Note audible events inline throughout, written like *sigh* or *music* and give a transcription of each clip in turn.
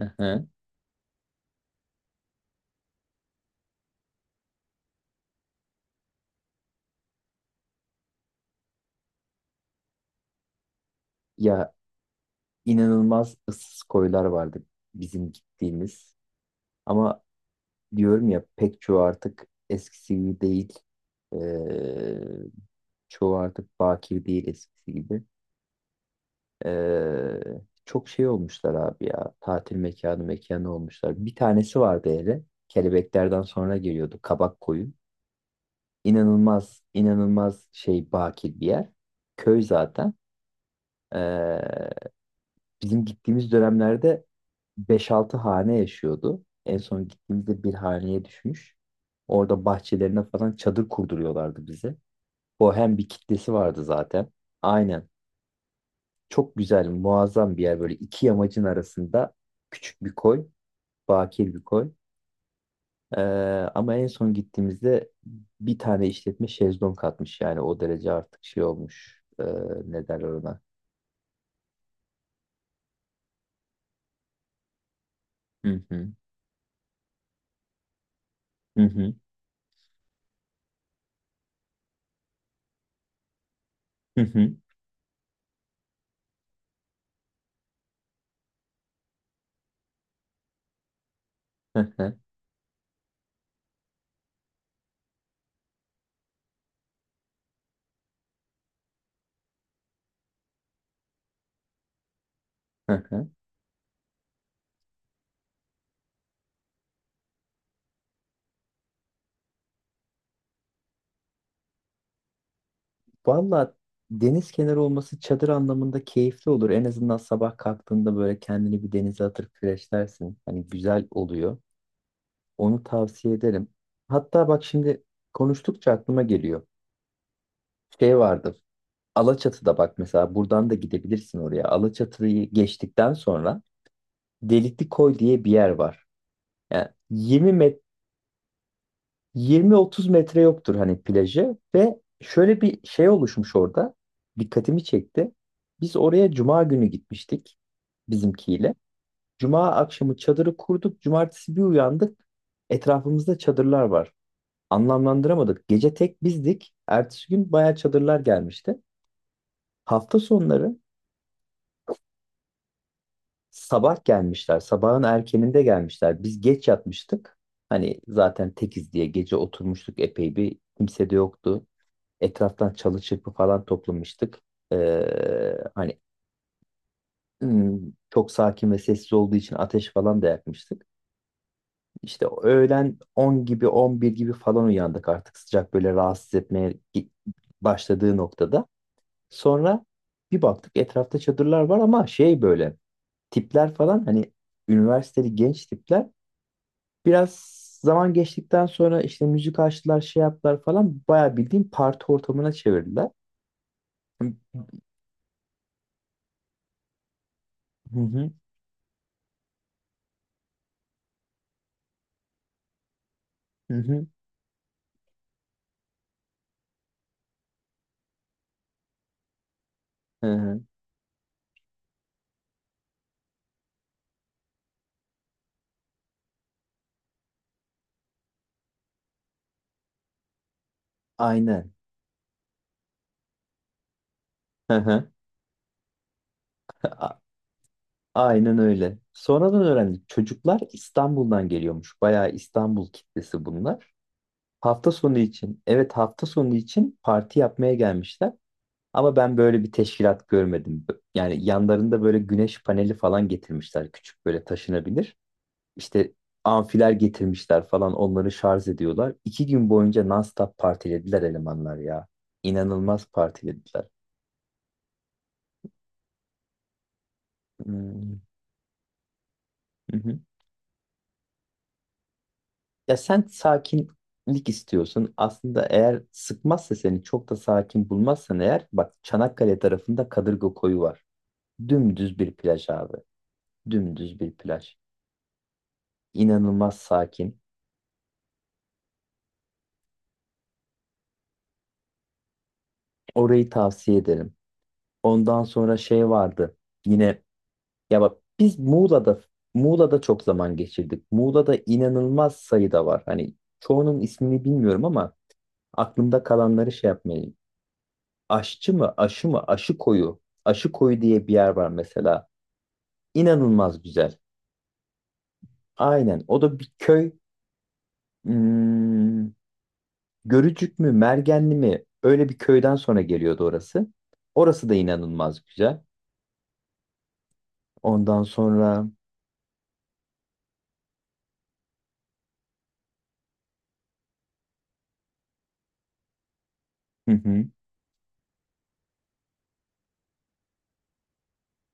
Hı hı. Ya inanılmaz ıssız koylar vardı bizim gittiğimiz. Ama diyorum ya pek çoğu artık eskisi gibi değil. Ee, Çoğu artık bakir değil eskisi gibi. Ee, Çok şey olmuşlar abi ya. Tatil mekanı olmuşlar. Bir tanesi vardı hele. Kelebeklerden sonra geliyordu Kabak Koyu. İnanılmaz inanılmaz şey bakir bir yer. Köy zaten. Bizim gittiğimiz dönemlerde 5-6 hane yaşıyordu. En son gittiğimizde bir haneye düşmüş. Orada bahçelerine falan çadır kurduruyorlardı bize. Bohem bir kitlesi vardı zaten. Aynen. Çok güzel, muazzam bir yer. Böyle iki yamacın arasında küçük bir koy, bakir bir koy. Ee, Ama en son gittiğimizde bir tane işletme şezlong katmış. Yani o derece artık şey olmuş. Ne derler ona? Hı hı. Hı hı. Hı hı. Hı hı. Hı hı. Valla deniz kenarı olması çadır anlamında keyifli olur. En azından sabah kalktığında böyle kendini bir denize atıp freshlersin. Hani güzel oluyor. Onu tavsiye ederim. Hatta bak şimdi konuştukça aklıma geliyor. Şey vardı. Alaçatı'da bak mesela buradan da gidebilirsin oraya. Alaçatı'yı geçtikten sonra Delikli Koy diye bir yer var. Yani 20 20-30 metre yoktur hani plajı ve şöyle bir şey oluşmuş orada. Dikkatimi çekti. Biz oraya cuma günü gitmiştik bizimkiyle. Cuma akşamı çadırı kurduk. Cumartesi bir uyandık. Etrafımızda çadırlar var. Anlamlandıramadık. Gece tek bizdik. Ertesi gün bayağı çadırlar gelmişti. Hafta sonları sabah gelmişler. Sabahın erkeninde gelmişler. Biz geç yatmıştık. Hani zaten tekiz diye gece oturmuştuk epey bir kimse de yoktu. Etraftan çalı çırpı falan toplamıştık. Hani hmm, çok sakin ve sessiz olduğu için ateş falan da yakmıştık. İşte öğlen 10 gibi 11 gibi falan uyandık artık sıcak böyle rahatsız etmeye başladığı noktada. Sonra bir baktık etrafta çadırlar var ama şey böyle tipler falan hani üniversiteli genç tipler biraz zaman geçtikten sonra işte müzik açtılar şey yaptılar falan bayağı bildiğin parti ortamına çevirdiler. Hı hı hı hı. Hı hı. Aynen. Hı hı. A- Aynen öyle. Sonradan öğrendik. Çocuklar İstanbul'dan geliyormuş. Bayağı İstanbul kitlesi bunlar. Hafta sonu için, evet hafta sonu için parti yapmaya gelmişler. Ama ben böyle bir teşkilat görmedim. Yani yanlarında böyle güneş paneli falan getirmişler. Küçük böyle taşınabilir. İşte amfiler getirmişler falan. Onları şarj ediyorlar. 2 gün boyunca non-stop partilediler elemanlar ya. İnanılmaz partilediler. Hmm. *laughs* Ya sen sakinlik istiyorsun. Aslında eğer sıkmazsa seni çok da sakin bulmazsan eğer bak Çanakkale tarafında Kadırga Koyu var. Dümdüz bir plaj abi. Dümdüz bir plaj. İnanılmaz sakin. Orayı tavsiye ederim. Ondan sonra şey vardı. Yine ya bak biz Muğla'da çok zaman geçirdik. Muğla'da inanılmaz sayıda var. Hani çoğunun ismini bilmiyorum ama aklımda kalanları şey yapmaya Aşçı mı, aşı mı, aşı koyu. Aşı koyu diye bir yer var mesela. İnanılmaz güzel. Aynen. O da bir köy. Hmm, Görücük mü, Mergenli mi? Öyle bir köyden sonra geliyordu orası. Orası da inanılmaz güzel. Ondan sonra... Hı hı,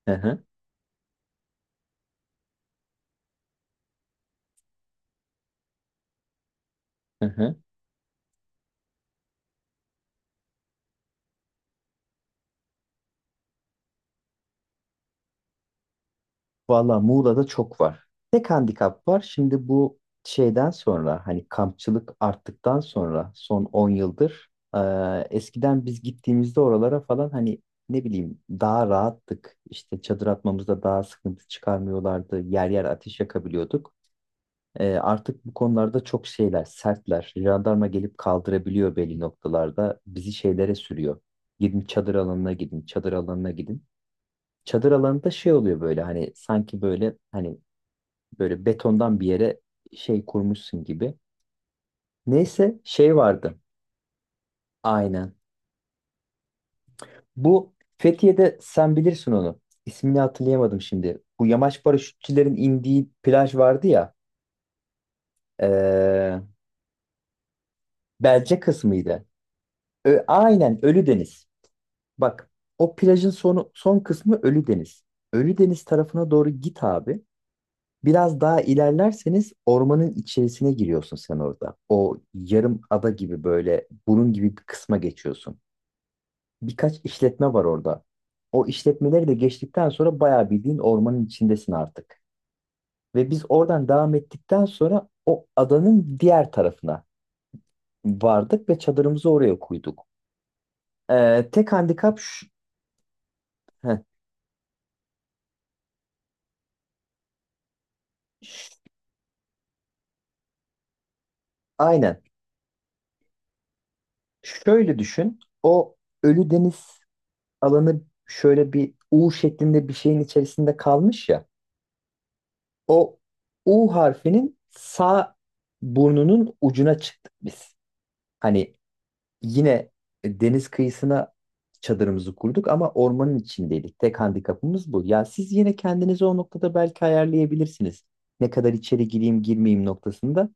hı hı, hı hı. Valla Muğla'da çok var. Tek handikap var. Şimdi bu şeyden sonra hani kampçılık arttıktan sonra son 10 yıldır e, eskiden biz gittiğimizde oralara falan hani ne bileyim daha rahattık. İşte çadır atmamızda daha sıkıntı çıkarmıyorlardı. Yer yer ateş yakabiliyorduk. Artık bu konularda çok şeyler sertler. Jandarma gelip kaldırabiliyor belli noktalarda. Bizi şeylere sürüyor. Gidin çadır alanına gidin, çadır alanına gidin. Çadır alanında şey oluyor böyle hani sanki böyle hani böyle betondan bir yere şey kurmuşsun gibi. Neyse şey vardı. Aynen. Bu Fethiye'de sen bilirsin onu. İsmini hatırlayamadım şimdi. Bu yamaç paraşütçülerin indiği plaj vardı ya. Ee, Belce kısmıydı. Aynen Ölüdeniz. Bak o plajın sonu, son kısmı Ölüdeniz. Ölüdeniz tarafına doğru git abi. Biraz daha ilerlerseniz ormanın içerisine giriyorsun sen orada. O yarım ada gibi böyle bunun gibi bir kısma geçiyorsun. Birkaç işletme var orada. O işletmeleri de geçtikten sonra bayağı bildiğin ormanın içindesin artık. Ve biz oradan devam ettikten sonra o adanın diğer tarafına vardık ve çadırımızı oraya koyduk. Tek handikap şu, heh, ş- aynen. Şöyle düşün. O Ölü Deniz alanı şöyle bir U şeklinde bir şeyin içerisinde kalmış ya. O U harfinin sağ burnunun ucuna çıktık biz. Hani yine deniz kıyısına çadırımızı kurduk ama ormanın içindeydik. Tek handikapımız bu. Ya siz yine kendinizi o noktada belki ayarlayabilirsiniz. Ne kadar içeri gireyim girmeyeyim noktasında.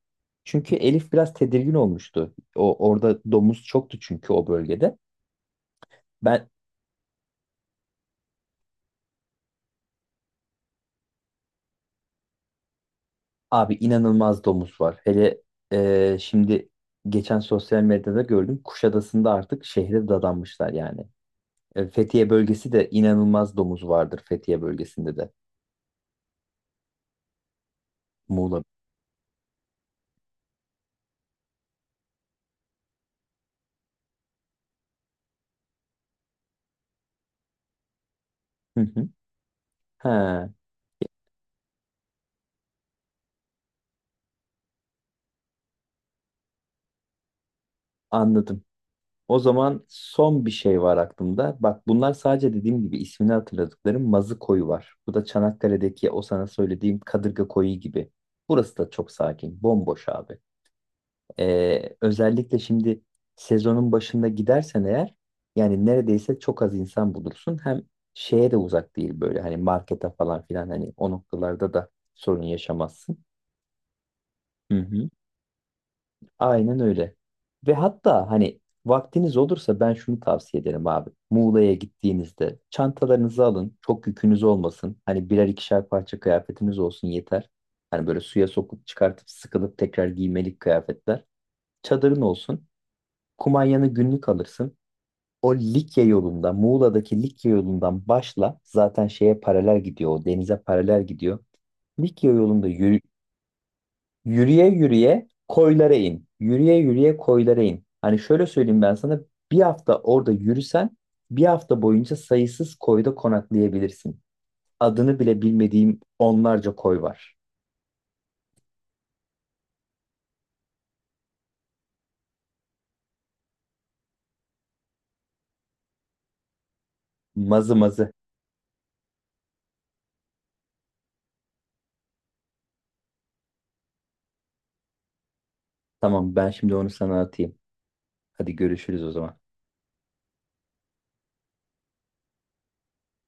Çünkü Elif biraz tedirgin olmuştu. O orada domuz çoktu çünkü o bölgede. Ben abi inanılmaz domuz var. Hele şimdi geçen sosyal medyada gördüm. Kuşadası'nda artık şehre dadanmışlar yani. Fethiye bölgesi de inanılmaz domuz vardır Fethiye bölgesinde de. Muğla. Hı hı. He, anladım. O zaman son bir şey var aklımda. Bak bunlar sadece dediğim gibi ismini hatırladıklarım Mazı Koyu var. Bu da Çanakkale'deki o sana söylediğim Kadırga Koyu gibi. Burası da çok sakin, bomboş abi. Özellikle şimdi sezonun başında gidersen eğer yani neredeyse çok az insan bulursun. Hem şeye de uzak değil böyle hani markete falan filan hani o noktalarda da sorun yaşamazsın. Hı hı. Aynen öyle. Ve hatta hani vaktiniz olursa ben şunu tavsiye ederim abi. Muğla'ya gittiğinizde çantalarınızı alın. Çok yükünüz olmasın. Hani birer ikişer parça kıyafetiniz olsun yeter. Hani böyle suya sokup çıkartıp sıkılıp tekrar giymelik kıyafetler. Çadırın olsun. Kumanyanı günlük alırsın. O Likya yolunda, Muğla'daki Likya yolundan başla. Zaten şeye paralel gidiyor. O denize paralel gidiyor. Likya yolunda yürüye yürüye koylara in. Yürüye yürüye koylara in. Hani şöyle söyleyeyim ben sana. Bir hafta orada yürüsen bir hafta boyunca sayısız koyda konaklayabilirsin. Adını bile bilmediğim onlarca koy var. Mazı mazı. Tamam ben şimdi onu sana atayım. Hadi görüşürüz o zaman.